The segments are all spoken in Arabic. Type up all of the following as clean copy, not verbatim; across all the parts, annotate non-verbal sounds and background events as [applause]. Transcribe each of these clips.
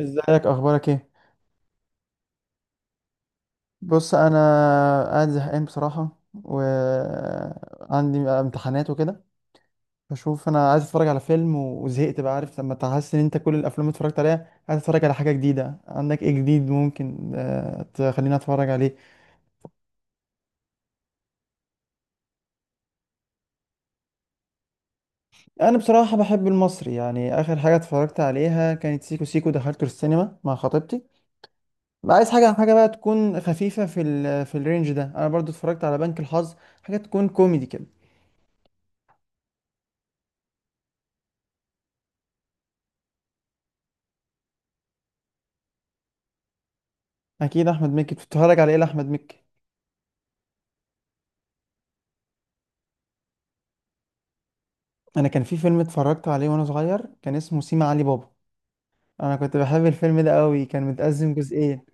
ازيك؟ اخبارك ايه؟ بص، انا قاعد زهقان بصراحه، وعندي امتحانات وكده. بشوف، انا عايز اتفرج على فيلم وزهقت بقى. عارف لما تحس ان انت كل الافلام اللي اتفرجت عليها، عايز اتفرج على حاجه جديده. عندك ايه جديد ممكن تخليني اتفرج عليه؟ انا بصراحه بحب المصري، يعني اخر حاجه اتفرجت عليها كانت سيكو سيكو، دخلته السينما مع خطيبتي. عايز حاجه بقى تكون خفيفه، في الرينج ده. انا برضو اتفرجت على بنك الحظ. حاجه تكون كوميدي كده. اكيد احمد مكي، بتتفرج على ايه لاحمد مكي؟ انا كان في فيلم اتفرجت عليه وانا صغير، كان اسمه سيما علي بابا. انا كنت بحب الفيلم ده قوي، كان متقسم جزئين.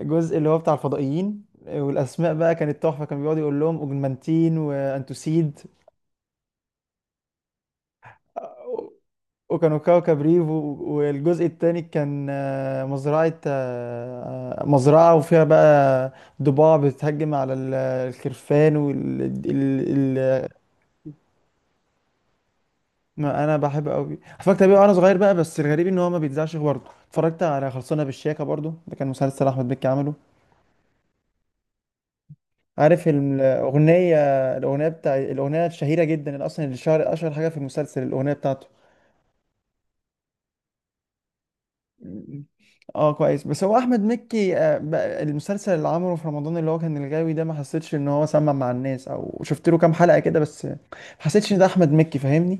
الجزء اللي هو بتاع الفضائيين والاسماء بقى كانت تحفه، كان بيقعد يقول لهم اوجمانتين وانتوسيد. وكانوا كوكب ريف والجزء التاني كان مزرعة، مزرعة، وفيها بقى ضباع بتهجم على الخرفان والجمل. ما انا بحب قوي، اتفرجت عليه وانا صغير بقى. بس الغريب ان هو ما بيتذاعش. برضه اتفرجت على خلصانه بالشياكه، برضه ده كان مسلسل احمد مكي عمله. عارف الاغنيه؟ الاغنيه بتاع الاغنيه الشهيره جدا، اللي اصلا اللي شهر اشهر حاجه في المسلسل الاغنيه بتاعته. م- اه كويس. بس هو احمد مكي بقى المسلسل اللي عمله في رمضان اللي هو كان الغاوي ده، ما حسيتش ان هو سمع مع الناس، او شفت له كام حلقه كده، بس ما حسيتش ان ده احمد مكي فاهمني.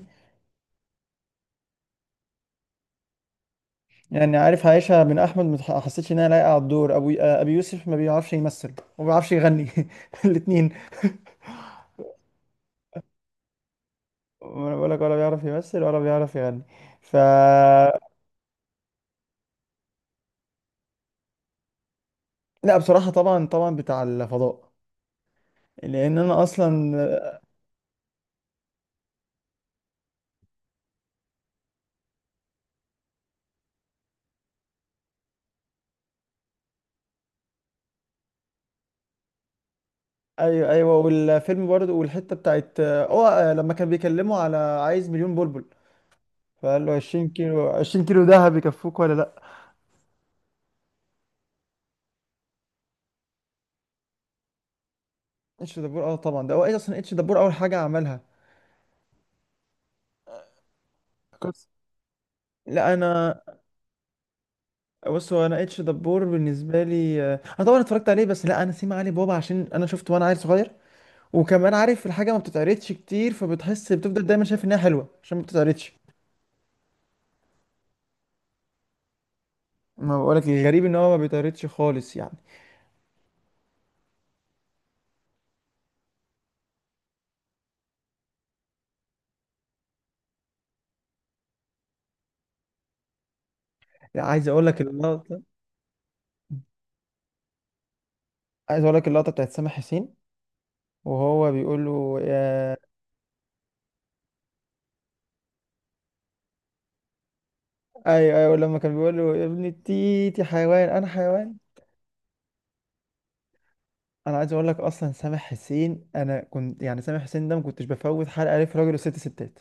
يعني عارف عايشها من احمد، ما تح- حسيتش انها لايقه على الدور، ابو ابي يوسف ما بيعرفش يمثل وما بيعرفش يغني [laughs] الاثنين. وانا بقول لك ولا بيعرف يمثل ولا بيعرف يغني. ف لا بصراحه، طبعا طبعا بتاع الفضاء، لان انا اصلا. ايوه ايوه، والفيلم برضه، والحته بتاعت اه لما كان بيكلمه على عايز مليون بلبل، فقال له 20 كيلو، 20 كيلو دهب يكفوك ولا لا. اتش دبور اه طبعا، ده هو ايه اصلا، اتش دبور اول حاجه عملها. قصة؟ لا انا، بص هو انا اتش دبور بالنسبه لي، انا طبعا اتفرجت عليه، بس لا، انا سيما علي بابا عشان انا شفته وانا عيل صغير. وكمان عارف الحاجه ما بتتعرضش كتير، فبتحس بتفضل دايما شايف انها حلوه عشان ما بتتعرضش. ما بقولك الغريب ان هو ما بيتعرضش خالص يعني. لا، عايز اقول لك اللقطه، عايز اقول لك اللقطه بتاعت سامح حسين وهو بيقول له يا. ايوه ايوه، لما كان بيقول له يا ابن التيتي، حيوان انا، حيوان. انا عايز اقول لك اصلا سامح حسين، انا كنت يعني سامح حسين ده ما كنتش بفوت حلقه ليه في راجل وست ستات.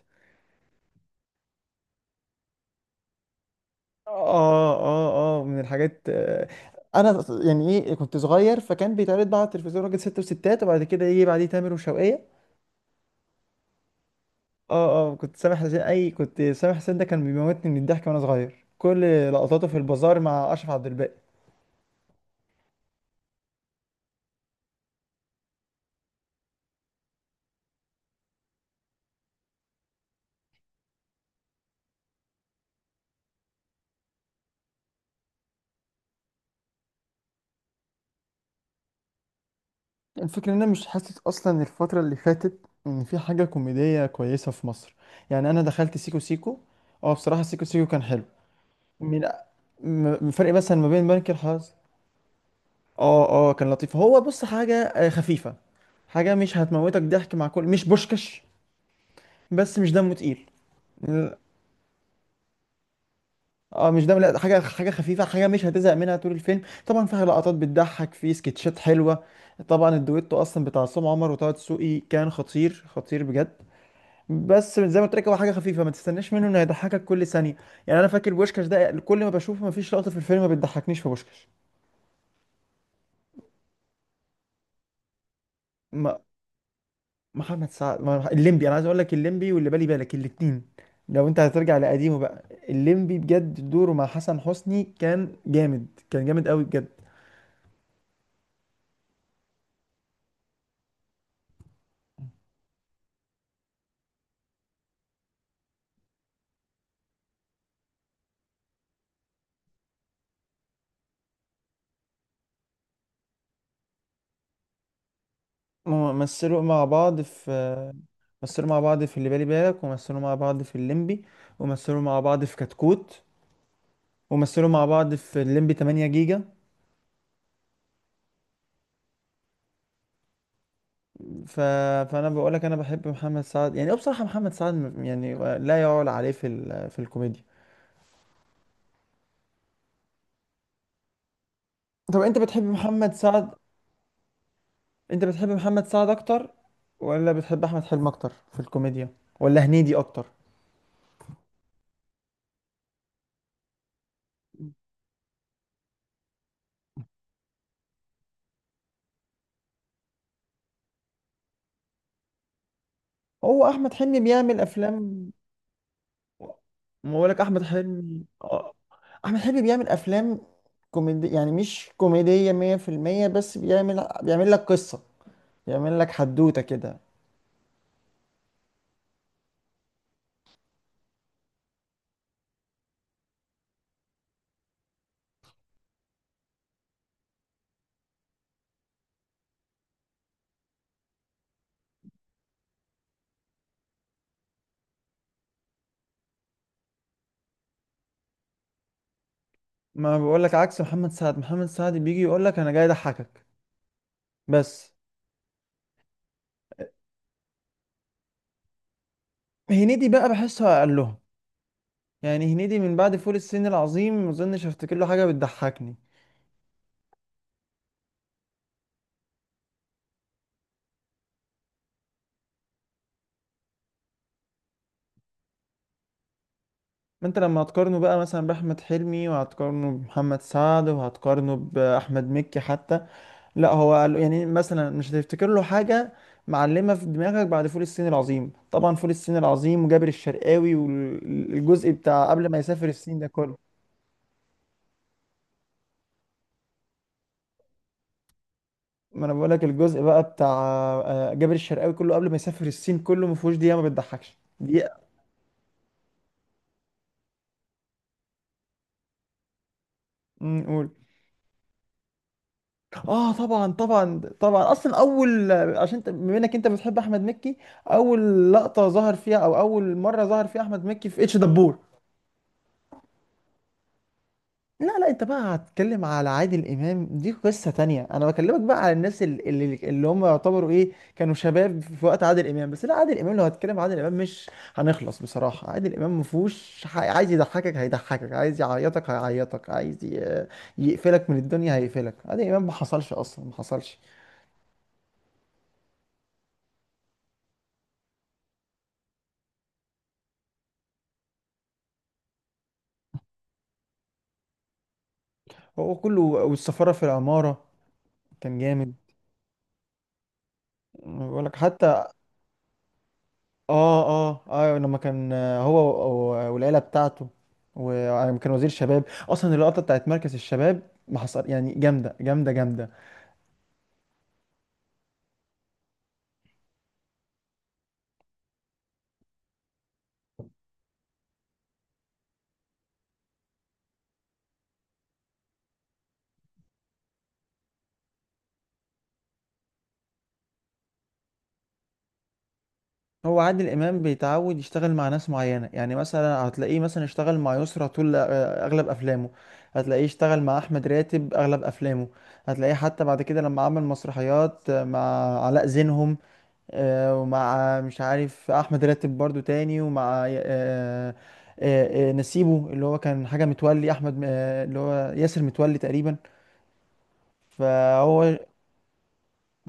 اه اه اه، من الحاجات. انا يعني ايه، كنت صغير فكان بيتعرض بقى على التلفزيون راجل ست وستات، وبعد كده يجي بعديه تامر وشوقية. اه اه، كنت سامح حسين، اي كنت سامح حسين ده كان بيموتني من الضحك وانا صغير، كل لقطاته في البازار مع اشرف عبد الباقي. الفكرة ان انا مش حاسس اصلا الفترة اللي فاتت ان في حاجة كوميدية كويسة في مصر. يعني انا دخلت سيكو سيكو، اه بصراحة سيكو سيكو كان حلو. من فرق مثلا ما بين بنك الحظ. اه اه، كان لطيف. هو بص حاجة خفيفة، حاجة مش هتموتك ضحك مع كل، مش بوشكش، بس مش دمه تقيل. اه مش دمه، لا حاجة، حاجة خفيفة، حاجة مش هتزهق منها طول الفيلم. طبعا فيها لقطات بتضحك، في سكتشات حلوة. طبعا الدويتو اصلا بتاع عصام عمر وطه دسوقي كان خطير خطير بجد. بس زي ما قلت لك، هو حاجة خفيفة، ما تستناش منه انه يضحكك كل ثانية. يعني انا فاكر بوشكش ده كل ما بشوفه، ما فيش لقطة في الفيلم ما بتضحكنيش في بوشكش. ما محمد سعد، الليمبي، انا عايز اقول لك الليمبي واللي بالي بالك الاتنين، لو انت هترجع لقديمه بقى. الليمبي بجد دوره مع حسن حسني كان جامد، كان جامد قوي بجد. هم مثلوا مع بعض في، مثلوا مع بعض في اللي بالي بالك، ومثلوا مع بعض في الليمبي، ومثلوا مع بعض في كتكوت، ومثلوا مع بعض في الليمبي 8 جيجا. ف... فانا بقول لك انا بحب محمد سعد. يعني هو بصراحة محمد سعد يعني لا يعول عليه في في الكوميديا. طب انت بتحب محمد سعد، انت بتحب محمد سعد اكتر ولا بتحب احمد حلمي اكتر في الكوميديا، ولا هنيدي اكتر؟ هو احمد حلمي بيعمل افلام. ما بقولك احمد حلمي اه. احمد حلمي بيعمل افلام كوميدي، يعني مش كوميدية 100%، بس بيعمل لك قصة، بيعمل لك حدوتة كده. ما بقولك عكس محمد سعد، محمد سعد بيجي يقولك انا جاي اضحكك بس. هنيدي بقى بحسه اقلهم، يعني هنيدي من بعد فول الصين العظيم ما اظنش افتكر له حاجة بتضحكني. ما انت لما هتقارنه بقى مثلا باحمد حلمي، وهتقارنه بمحمد سعد، وهتقارنه باحمد مكي حتى، لا هو يعني مثلا مش هتفتكر له حاجه معلمه في دماغك بعد فول الصين العظيم. طبعا فول الصين العظيم وجابر الشرقاوي والجزء بتاع قبل ما يسافر الصين ده كله. ما انا بقولك الجزء بقى بتاع جابر الشرقاوي، كله قبل ما يسافر الصين كله ما فيهوش دقيقه ما بتضحكش دقيقه. قول. اه طبعا طبعا طبعا، اصلا اول عشان انت بما انك انت بتحب احمد مكي، اول لقطه ظهر فيها او اول مره ظهر فيها احمد مكي في اتش دبور. لا لا، انت بقى هتتكلم على عادل امام دي قصه تانية. انا بكلمك بقى على الناس اللي هم يعتبروا ايه، كانوا شباب في وقت عادل امام. بس لا، عادل امام لو هتكلم عادل امام مش هنخلص بصراحه. عادل امام مفهوش عايز يضحكك هيضحكك، عايز يعيطك هيعيطك، عايز يقفلك من الدنيا هيقفلك. عادل امام ما حصلش اصلا ما حصلش. هو كله والسفارة في العمارة كان جامد. بقول لك حتى اه اه اه، لما كان هو والعيلة بتاعته، وكان وزير شباب، اصلا اللقطة بتاعت مركز الشباب ما حصل يعني، جامدة جامدة جامدة. هو عادل امام بيتعود يشتغل مع ناس معينة، يعني مثلا هتلاقيه مثلا اشتغل مع يسرى طول اغلب افلامه. هتلاقيه اشتغل مع احمد راتب اغلب افلامه. هتلاقيه حتى بعد كده لما عمل مسرحيات مع علاء زينهم، ومع مش عارف احمد راتب برضو تاني، ومع نسيبه اللي هو كان حاجه متولي احمد، اللي هو ياسر متولي تقريبا. فهو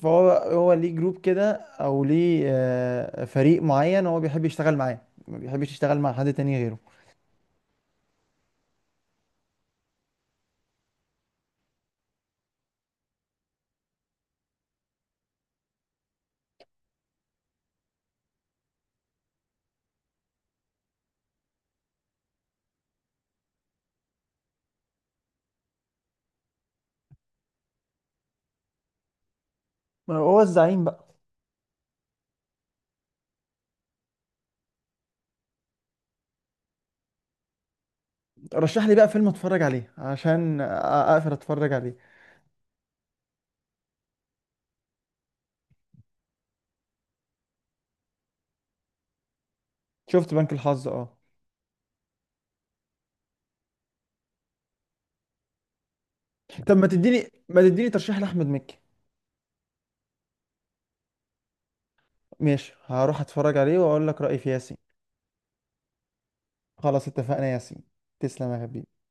فهو هو ليه جروب كده، او ليه فريق معين هو بيحب يشتغل معاه، ما بيحبش يشتغل مع حد تاني غيره. هو الزعيم بقى. رشح لي بقى فيلم اتفرج عليه عشان اقدر اتفرج عليه. شفت بنك الحظ اه. طب ما تديني ترشيح لاحمد مكي. ماشي، هروح اتفرج عليه واقول لك رايي فيه يا سيدي. خلاص، اتفقنا يا ياسين. تسلم يا حبيبي.